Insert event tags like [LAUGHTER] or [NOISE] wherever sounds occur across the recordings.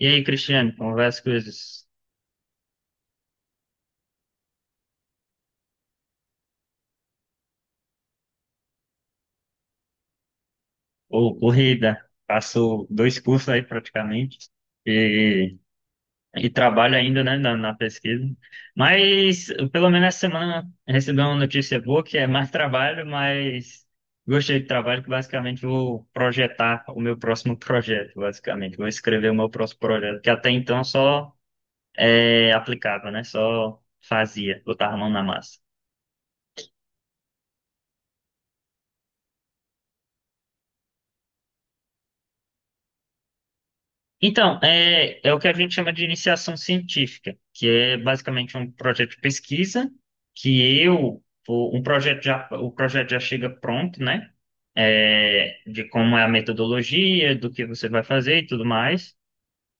E aí, Cristiano, como vai as coisas? Ô, corrida, passou dois cursos aí praticamente e, e trabalho ainda, né, na pesquisa. Mas pelo menos essa semana recebi uma notícia boa que é mais trabalho, mas gostei do trabalho que basicamente vou projetar o meu próximo projeto, basicamente. Vou escrever o meu próximo projeto, que até então só aplicava, né? Só fazia, botava a mão na massa. Então, é o que a gente chama de iniciação científica, que é basicamente um projeto de pesquisa, que eu, o, um projeto já, o projeto já chega pronto, né? De como é a metodologia, do que você vai fazer e tudo mais.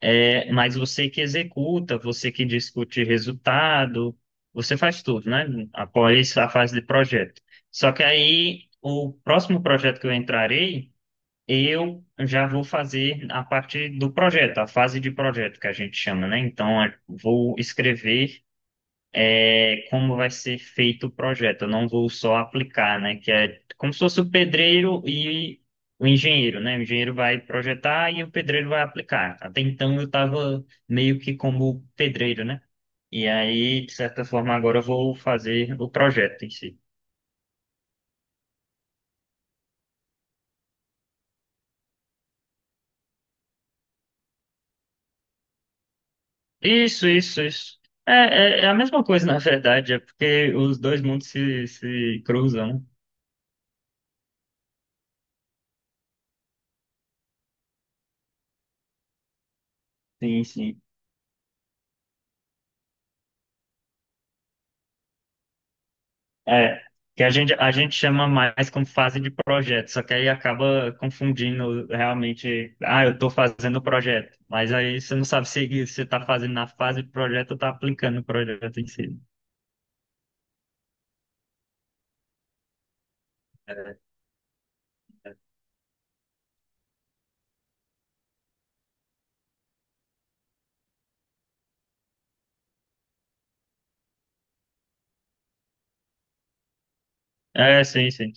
Mas você que executa, você que discute resultado, você faz tudo, né? Após a fase de projeto. Só que aí, o próximo projeto que eu entrarei eu já vou fazer a parte do projeto, a fase de projeto que a gente chama, né? Então, vou escrever como vai ser feito o projeto. Eu não vou só aplicar, né? Que é como se fosse o pedreiro e o engenheiro, né? O engenheiro vai projetar e o pedreiro vai aplicar. Até então, eu estava meio que como pedreiro, né? E aí, de certa forma, agora eu vou fazer o projeto em si. Isso, isso, isso. É a mesma coisa, [LAUGHS] na verdade, é porque os dois mundos se cruzam, né? Sim, sim. É, que a gente chama mais como fase de projeto, só que aí acaba confundindo realmente, ah, eu estou fazendo o projeto, mas aí você não sabe se você está fazendo na fase de projeto ou está aplicando o projeto em si. É, é, sim, sim.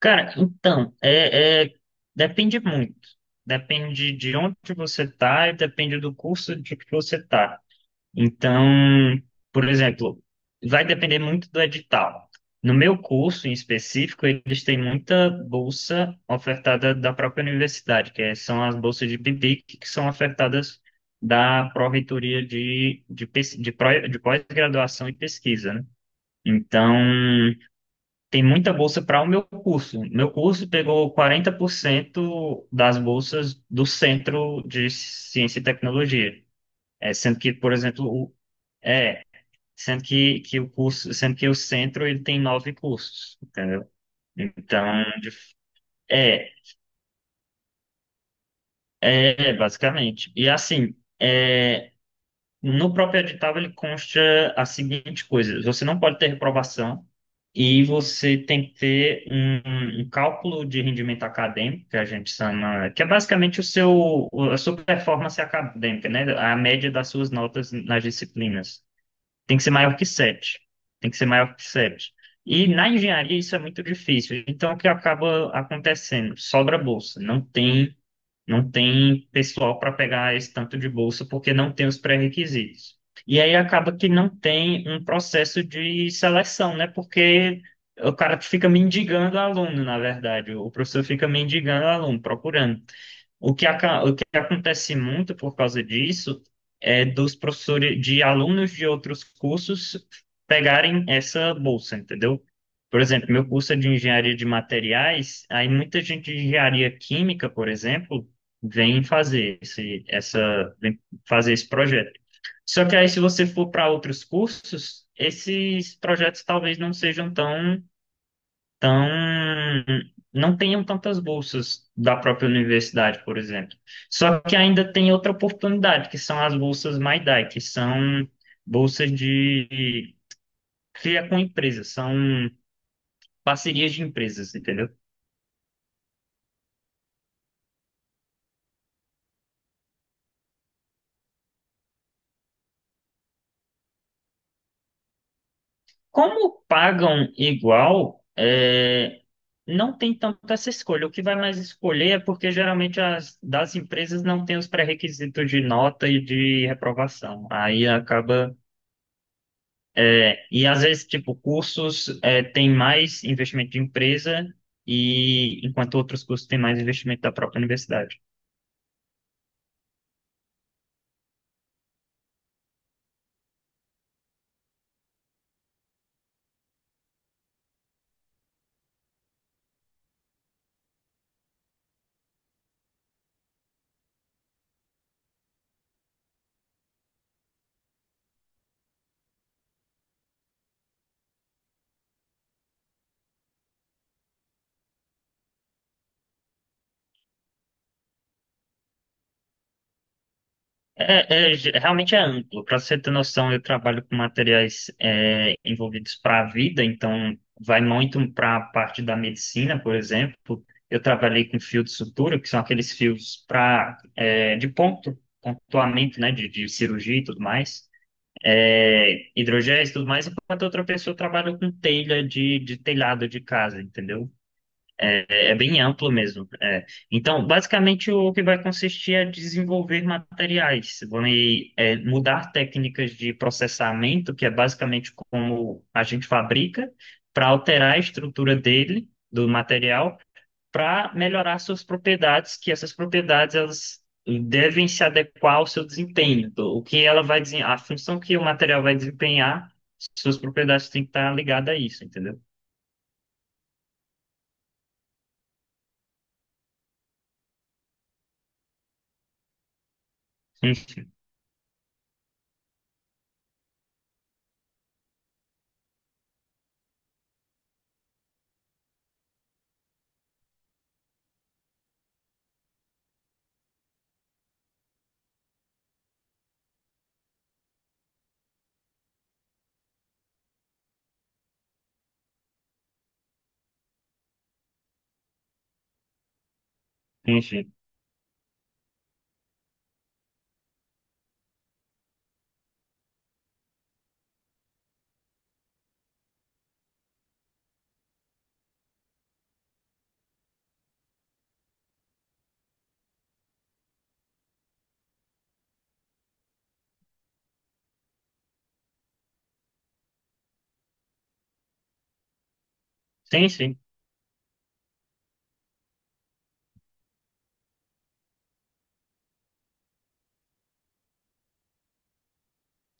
Cara, então, depende muito. Depende de onde você está e depende do curso de que você está. Então, por exemplo, vai depender muito do edital. No meu curso em específico, eles têm muita bolsa ofertada da própria universidade, são as bolsas de PIBIC, que são ofertadas da Pró-Reitoria de pós-graduação e pesquisa, né? Então, tem muita bolsa para o meu curso. Meu curso pegou 40% das bolsas do Centro de Ciência e Tecnologia. É, sendo que, por exemplo, é, sendo que o centro ele tem nove cursos, entendeu? Então, é, basicamente. E assim, no próprio edital ele consta a seguinte coisa: você não pode ter reprovação e você tem que ter um cálculo de rendimento acadêmico, que a gente chama, que é basicamente a sua performance acadêmica, né? A média das suas notas nas disciplinas tem que ser maior que sete. Tem que ser maior que 7. E na engenharia isso é muito difícil. Então, o que acaba acontecendo? Sobra bolsa. Não tem pessoal para pegar esse tanto de bolsa porque não tem os pré-requisitos. E aí acaba que não tem um processo de seleção, né? Porque o cara fica mendigando aluno, na verdade. O professor fica mendigando aluno, procurando. O que acontece muito por causa disso é dos professores, de alunos de outros cursos pegarem essa bolsa, entendeu? Por exemplo, meu curso é de engenharia de materiais, aí muita gente de engenharia química, por exemplo, vem fazer esse projeto. Só que aí, se você for para outros cursos, esses projetos talvez não sejam tão então, não tenham tantas bolsas da própria universidade, por exemplo. Só que ainda tem outra oportunidade, que são as bolsas MyDai, que são bolsas de cria com empresas, são parcerias de empresas, entendeu? Como pagam igual, não tem tanta essa escolha. O que vai mais escolher é porque geralmente as das empresas não tem os pré-requisitos de nota e de reprovação. Aí acaba. E às vezes, tipo, cursos têm mais investimento de empresa e enquanto outros cursos têm mais investimento da própria universidade. Realmente é amplo. Para você ter noção, eu trabalho com materiais envolvidos para a vida, então vai muito para a parte da medicina, por exemplo. Eu trabalhei com fio de sutura, que são aqueles fios para de ponto, pontuamento, né, de cirurgia e tudo mais. Hidrogéis e tudo mais, enquanto outra pessoa trabalha com telha de telhado de casa, entendeu? É, é bem amplo mesmo. É. Então, basicamente, o que vai consistir é desenvolver materiais, mudar técnicas de processamento, que é basicamente como a gente fabrica, para alterar a estrutura dele, do material, para melhorar suas propriedades, que essas propriedades elas devem se adequar ao seu desempenho. Então, O que ela vai desen- a função que o material vai desempenhar, suas propriedades têm que estar ligadas a isso, entendeu? Sim, sim, sim. Sim, sim.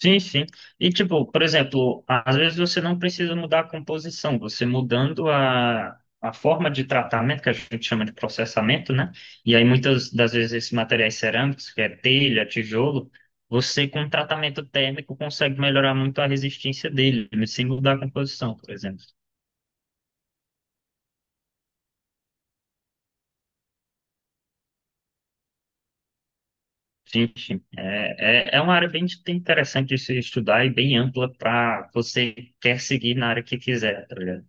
Sim, sim. E, tipo, por exemplo, às vezes você não precisa mudar a composição, você mudando a forma de tratamento, que a gente chama de processamento, né? E aí, muitas das vezes, esses materiais cerâmicos, que é telha, tijolo, você, com um tratamento térmico, consegue melhorar muito a resistência dele, sem mudar a composição, por exemplo. Sim, sim. É uma área bem interessante de se estudar e bem ampla para você quer seguir na área que quiser, tá ligado?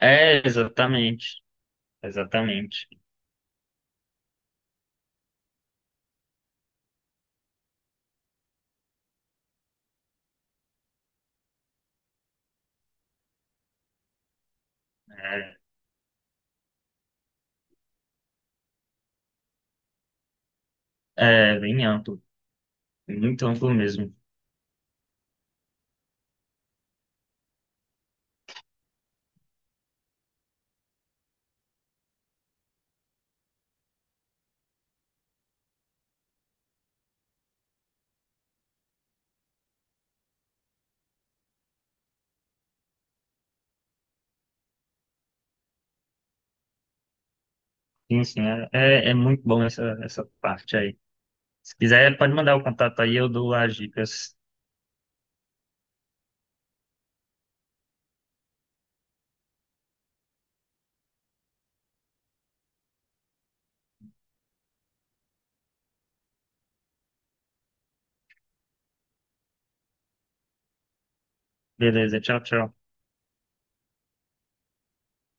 É, exatamente. Exatamente. É, é bem amplo, muito amplo mesmo. Sim, sim, é muito bom essa parte aí. Se quiser, pode mandar o contato aí, eu dou as dicas. Beleza, tchau, tchau.